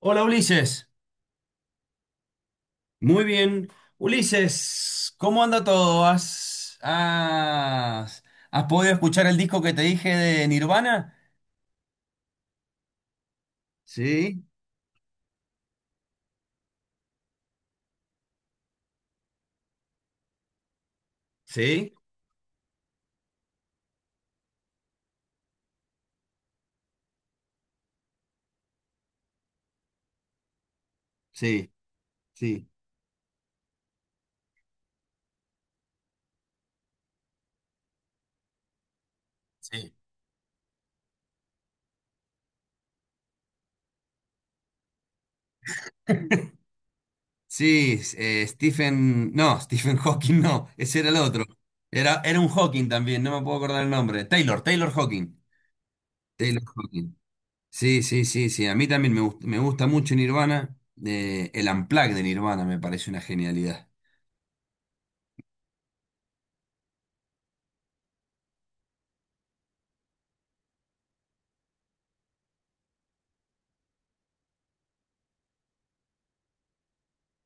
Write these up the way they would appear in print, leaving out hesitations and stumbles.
Hola Ulises, muy bien. Ulises, ¿cómo anda todo? ¿ Has podido escuchar el disco que te dije de Nirvana? Sí. Sí, sí, sí, sí. Sí, Stephen, no, Stephen Hawking no, ese era el otro. Era un Hawking también, no me puedo acordar el nombre. Taylor, Taylor Hawking. Taylor Hawking. Sí, sí, sí, sí. A mí también me gusta mucho Nirvana. El Unplugged de Nirvana me parece una genialidad.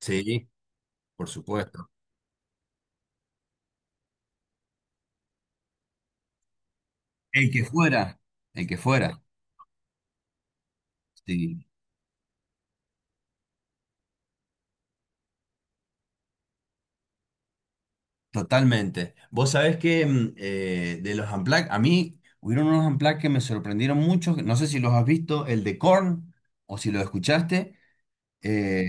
Sí, por supuesto. El que fuera, el que fuera, sí, totalmente. Vos sabés que de los Unplugged, a mí hubieron unos Unplugged que me sorprendieron mucho, que no sé si los has visto, el de Korn, o si lo escuchaste. eh,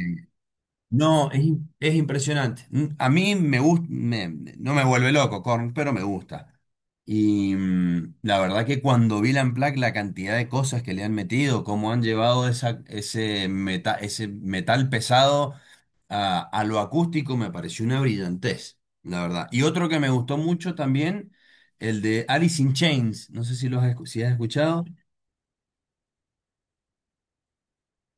no, es impresionante. A mí me gusta, no me vuelve loco Korn, pero me gusta. Y la verdad que cuando vi la Unplugged, la cantidad de cosas que le han metido, cómo han llevado ese metal pesado a lo acústico me pareció una brillantez, la verdad. Y otro que me gustó mucho también, el de Alice in Chains. No sé si lo has si has escuchado.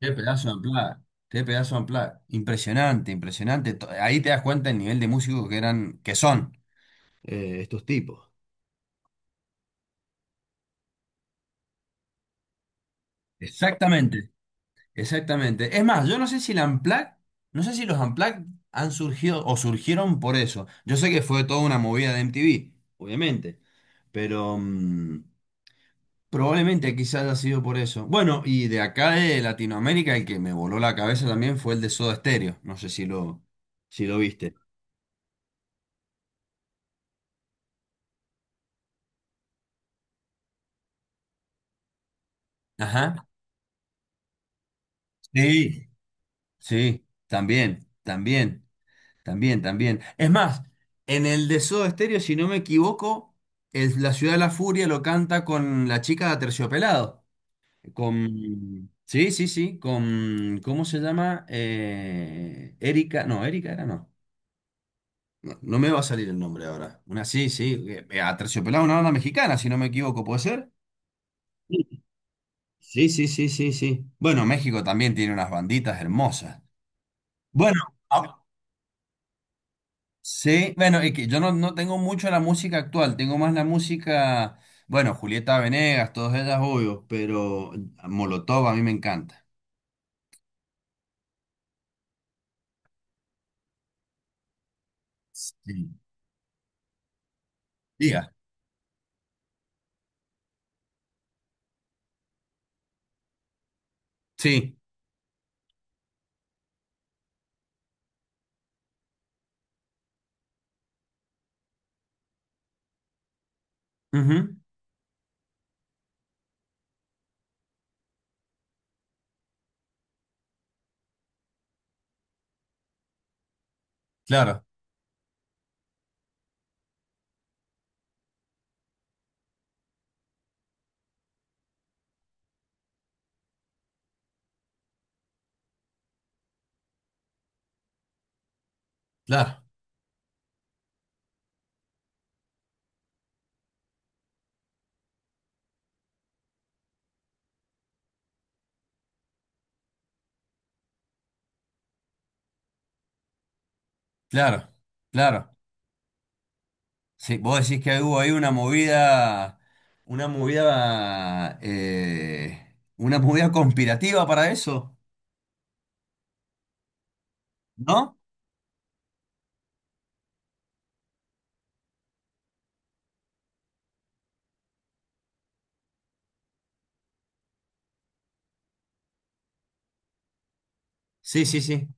Qué pedazo de unplugged, qué pedazo de unplugged. Impresionante, impresionante. Ahí te das cuenta el nivel de músicos que eran, que son. Estos tipos. Exactamente, exactamente. Es más, yo no sé si la Unplugged, no sé si los Unplugged han surgido o surgieron por eso. Yo sé que fue toda una movida de MTV, obviamente, pero probablemente quizás haya sido por eso. Bueno, y de acá de Latinoamérica, el que me voló la cabeza también fue el de Soda Stereo. No sé si si lo viste. Ajá. Sí, sí, también, también, también, también. Es más, en el de Soda Stereo, si no me equivoco, es la Ciudad de la Furia lo canta con la chica de Aterciopelado. Con. Sí, sí, sí. Con. ¿Cómo se llama? Erika. No, Erika era no. No, no me va a salir el nombre ahora. Una sí, sí. Aterciopelado, una banda mexicana, si no me equivoco, ¿puede ser? Sí, sí, sí, sí, sí, sí. Bueno, México también tiene unas banditas hermosas. Bueno, ah, sí, bueno, es que yo no tengo mucho la música actual, tengo más la música, bueno, Julieta Venegas, todas ellas, obvio, pero Molotov a mí me encanta. Sí. Diga. Sí. Ujú. Claro, claro, claro, claro. Sí, vos decís que hubo ahí una movida, una movida, una movida conspirativa para eso, ¿no? Sí, sí, sí.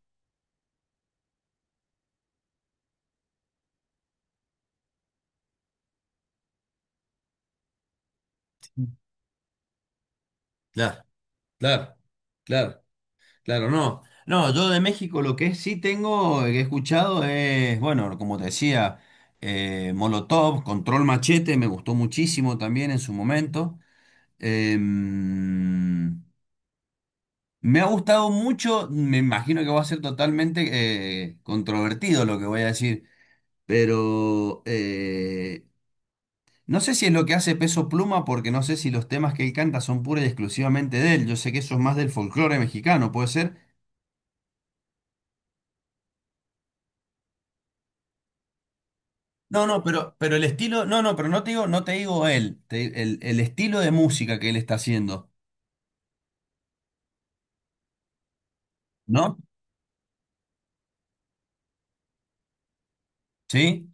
Claro, claro, claro, claro, no. No, yo de México lo que sí tengo, que he escuchado es, bueno, como te decía, Molotov, Control Machete, me gustó muchísimo también en su momento. Eh, Me ha gustado mucho, me imagino que va a ser totalmente controvertido lo que voy a decir, pero no sé si es lo que hace Peso Pluma, porque no sé si los temas que él canta son pura y exclusivamente de él. Yo sé que eso es más del folclore mexicano, ¿puede ser? No, no, pero el estilo, no, no, pero no te digo, no te digo él, el estilo de música que él está haciendo, ¿no? ¿Sí?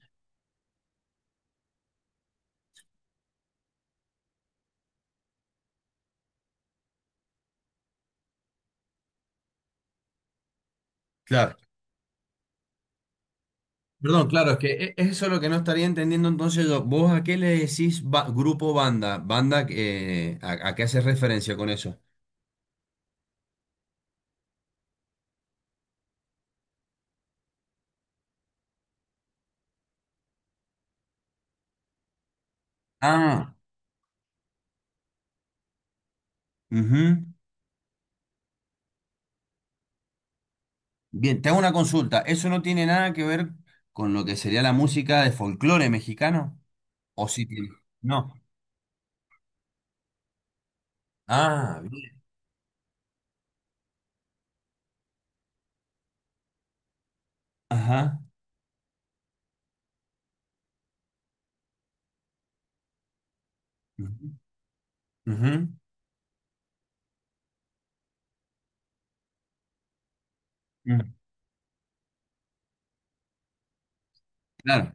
Claro. Perdón, claro, es que eso es lo que no estaría entendiendo entonces yo. ¿Vos a qué le decís grupo banda? ¿Banda a qué haces referencia con eso? Ah, ujú. Bien, te hago una consulta. ¿Eso no tiene nada que ver con lo que sería la música de folclore mexicano? ¿O sí tiene? No. Ah, bien. Ajá. Ujú, ujú, ujú. Claro.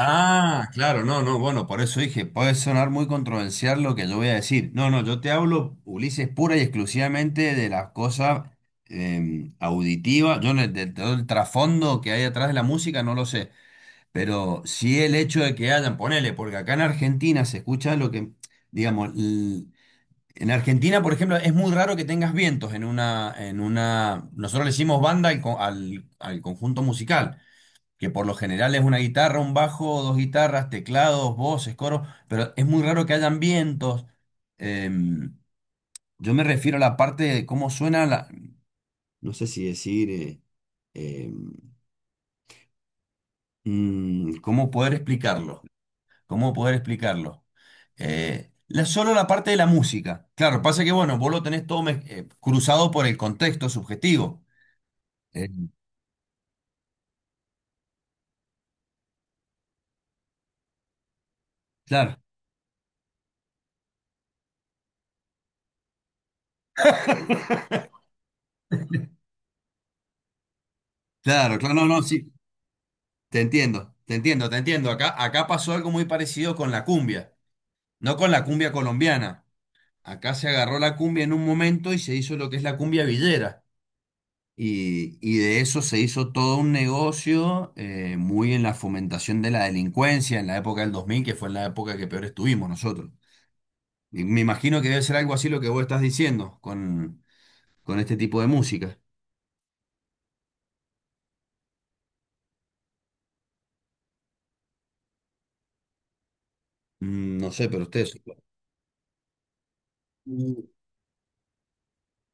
Ah, claro, no, no, bueno, por eso dije, puede sonar muy controversial lo que yo voy a decir. No, no, yo te hablo, Ulises, pura y exclusivamente de las cosas auditivas. Yo no- De todo el trasfondo que hay atrás de la música no lo sé, pero sí el hecho de que hayan, ponele, porque acá en Argentina se escucha lo que, digamos, en Argentina, por ejemplo, es muy raro que tengas vientos en una, nosotros le decimos banda al, al conjunto musical que por lo general es una guitarra, un bajo, dos guitarras, teclados, voces, coros, pero es muy raro que hayan vientos. Em, yo me refiero a la parte de cómo suena la... No sé si decir... eh, ¿cómo poder explicarlo? ¿Cómo poder explicarlo? La, solo la parte de la música. Claro, pasa que, bueno, vos lo tenés todo cruzado por el contexto subjetivo. Eh, claro, claro, claro, no, no, sí, te entiendo, te entiendo, te entiendo. Acá, acá pasó algo muy parecido con la cumbia. No con la cumbia colombiana. Acá se agarró la cumbia en un momento y se hizo lo que es la cumbia villera. Y de eso se hizo todo un negocio muy en la fomentación de la delincuencia en la época del 2000 que fue en la época que peor estuvimos nosotros. Y me imagino que debe ser algo así lo que vos estás diciendo con este tipo de música. No sé, pero ustedes... Mm.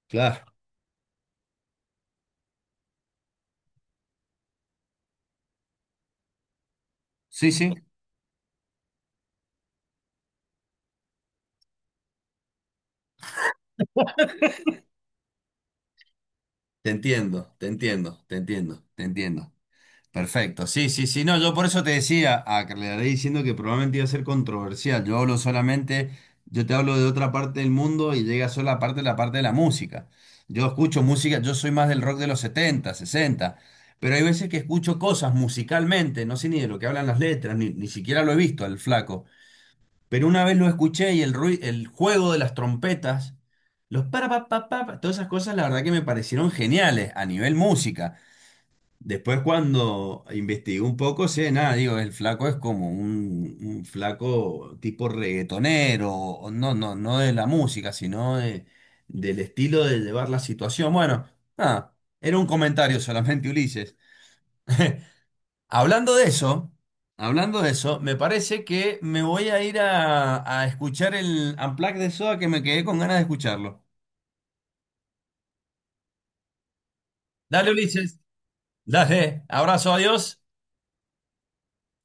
Claro. Sí, sí. Te entiendo, te entiendo, te entiendo, te entiendo. Perfecto, sí, sí, sí, no, yo por eso te decía, a que le haré diciendo que probablemente iba a ser controversial, yo hablo solamente, yo te hablo de otra parte del mundo y llega solo la parte de la música. Yo escucho música, yo soy más del rock de los 70, 60, pero hay veces que escucho cosas musicalmente, no sé ni de lo que hablan las letras, ni, ni siquiera lo he visto al flaco, pero una vez lo escuché y el ruido, el juego de las trompetas, los para, pa, pa, pa, pa, todas esas cosas la verdad que me parecieron geniales a nivel música. Después cuando investigué un poco, sí, nada, digo, el flaco es como un flaco tipo reggaetonero, o no, no, no de la música, del estilo de llevar la situación. Bueno, nada, era un comentario solamente, Ulises. Hablando de eso, hablando de eso, me parece que me voy a ir a escuchar el Unplugged de Soda que me quedé con ganas de escucharlo. Dale, Ulises, dale, abrazo, adiós.